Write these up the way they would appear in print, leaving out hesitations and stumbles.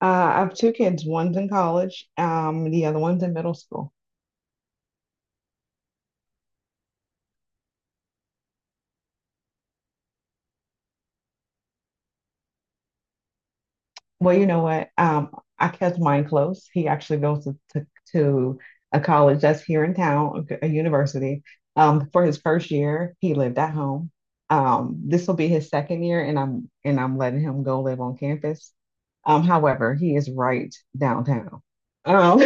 I have two kids. One's in college, the other one's in middle school. Well, you know what? I kept mine close. He actually goes to a college that's here in town, a university. For his first year, he lived at home. This will be his second year, and I'm letting him go live on campus. However, he is right downtown. Um,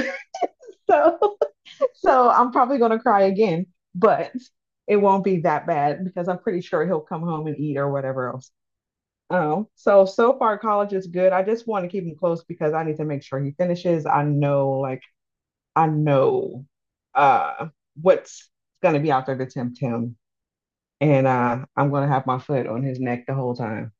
so so I'm probably gonna cry again, but it won't be that bad because I'm pretty sure he'll come home and eat or whatever else. Oh, so so far college is good. I just want to keep him close because I need to make sure he finishes. I know, like I know uh what's gonna be out there to tempt him. And I'm gonna have my foot on his neck the whole time.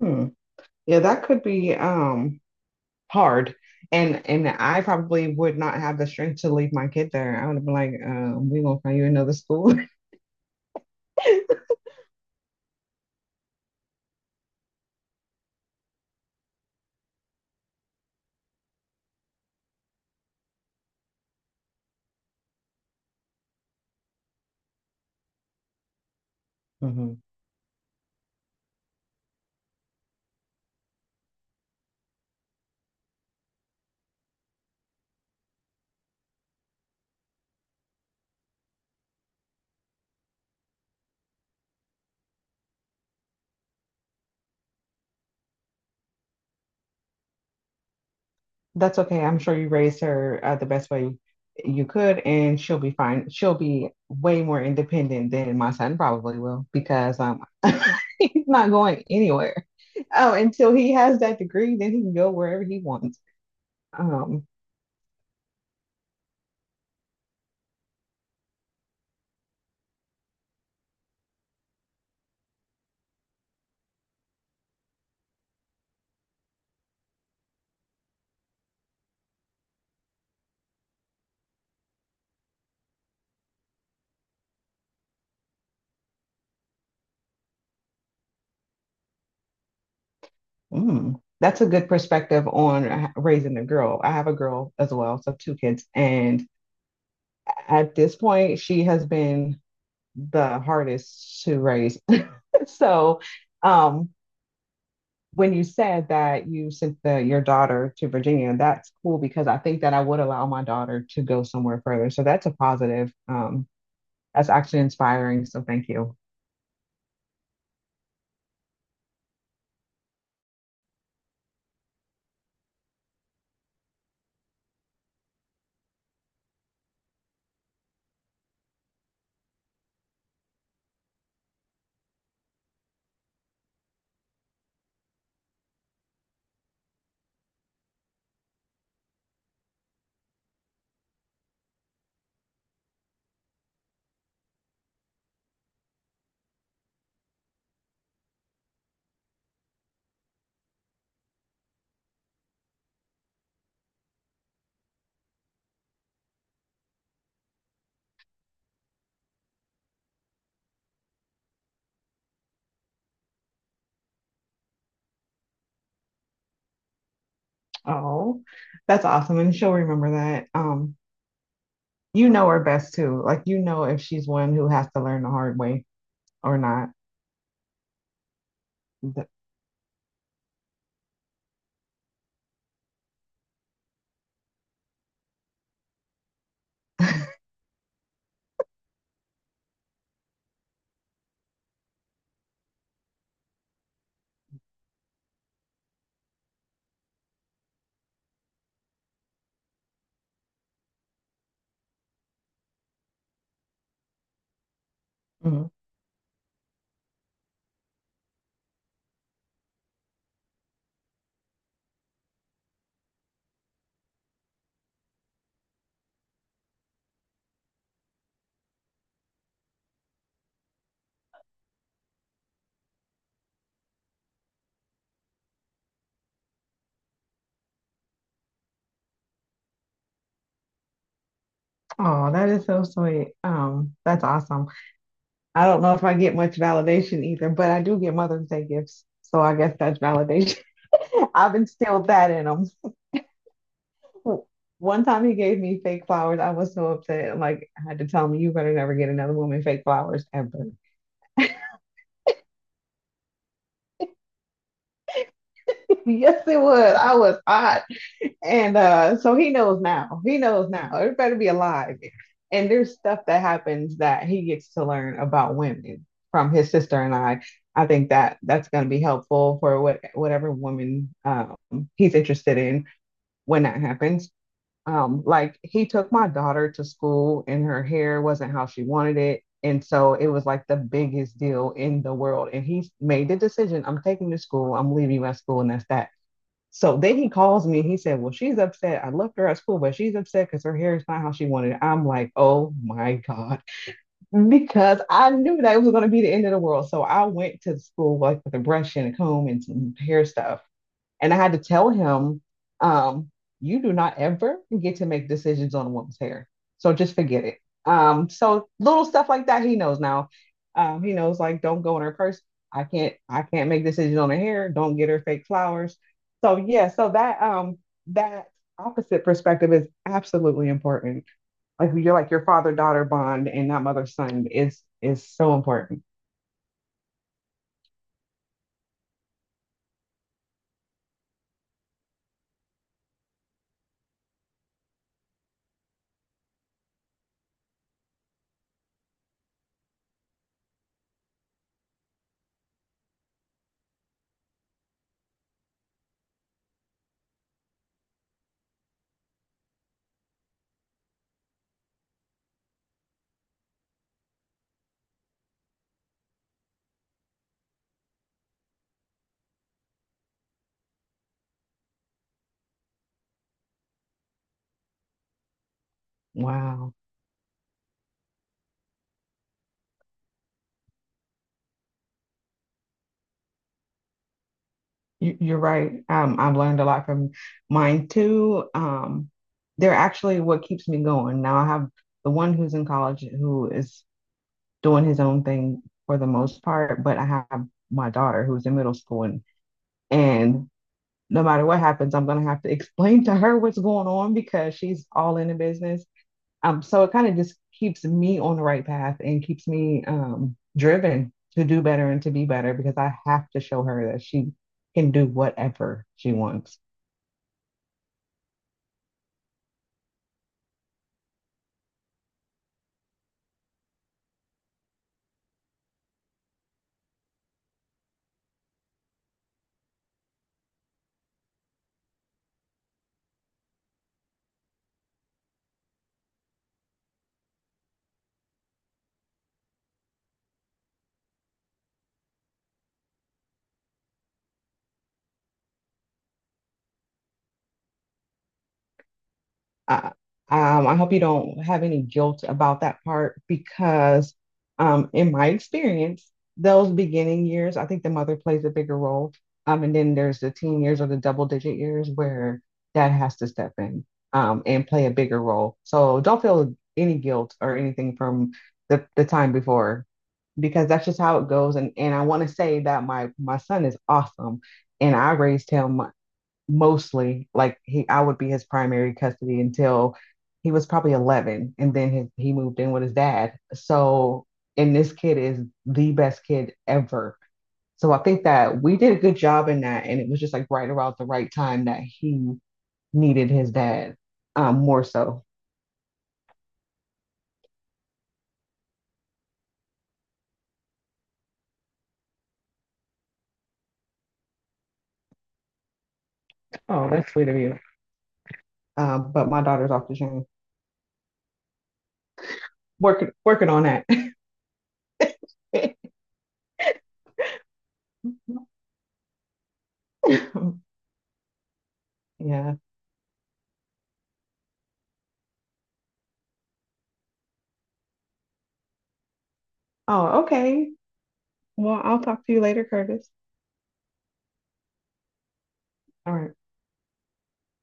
Hmm. Yeah, that could be hard. And I probably would not have the strength to leave my kid there. I would have been like, we're gonna find you another school. That's okay. I'm sure you raised her the best way you could, and she'll be fine. She'll be way more independent than my son probably will because he's not going anywhere. Oh, until he has that degree, then he can go wherever he wants. Um, mm, that's a good perspective on raising a girl. I have a girl as well, so two kids, and at this point, she has been the hardest to raise. So, um, when you said that you sent the your daughter to Virginia, that's cool because I think that I would allow my daughter to go somewhere further. So that's a positive. That's actually inspiring. So thank you. Oh, that's awesome. And she'll remember that. You know her best too. Like you know if she's one who has to learn the hard way or not. Th- mhm. Oh, that is so sweet. That's awesome. I don't know if I get much validation either, but I do get Mother's Day gifts. So I guess that's validation. I've instilled that in them. One time he gave me fake flowers. I was so upset. I'm like, I had to tell him, you better never get another woman fake flowers ever. Yes, it was. I was hot. And so he knows now. He knows now. It better be alive. And there's stuff that happens that he gets to learn about women from his sister and I. I think that that's going to be helpful for whatever woman he's interested in when that happens. Like he took my daughter to school and her hair wasn't how she wanted it. And so it was like the biggest deal in the world. And he made the decision I'm taking you to school, I'm leaving you at school, and that's that. So then he calls me and he said, well, she's upset. I left her at school, but she's upset because her hair is not how she wanted it. I'm like, oh my God. Because I knew that it was going to be the end of the world. So I went to school like with a brush and a comb and some hair stuff. And I had to tell him, um, you do not ever get to make decisions on a woman's hair. So just forget it. So little stuff like that, he knows now. He knows like don't go in her purse. I can't make decisions on her hair. Don't get her fake flowers. So yeah, so that opposite perspective is absolutely important. Like you're like your father daughter bond and not mother son is so important. Wow. You're right. I've learned a lot from mine too. They're actually what keeps me going. Now I have the one who's in college who is doing his own thing for the most part, but I have my daughter who's in middle school and no matter what happens, I'm gonna have to explain to her what's going on because she's all in the business. So it kind of just keeps me on the right path and keeps me driven to do better and to be better because I have to show her that she can do whatever she wants. I, I hope you don't have any guilt about that part because, in my experience, those beginning years, I think the mother plays a bigger role. And then there's the teen years or the double digit years where dad has to step in, and play a bigger role. So don't feel any guilt or anything from the time before because that's just how it goes. And I want to say that my son is awesome, and I raised him mostly like he I would be his primary custody until he was probably 11 and then his, he moved in with his dad. So and this kid is the best kid ever. So I think that we did a good job in that and it was just like right around the right time that he needed his dad more so. Oh, that's sweet of you. Um, but my daughter's off the chain. Working on that. Yeah. Oh, okay. Well, I'll talk to you later, Curtis. All right.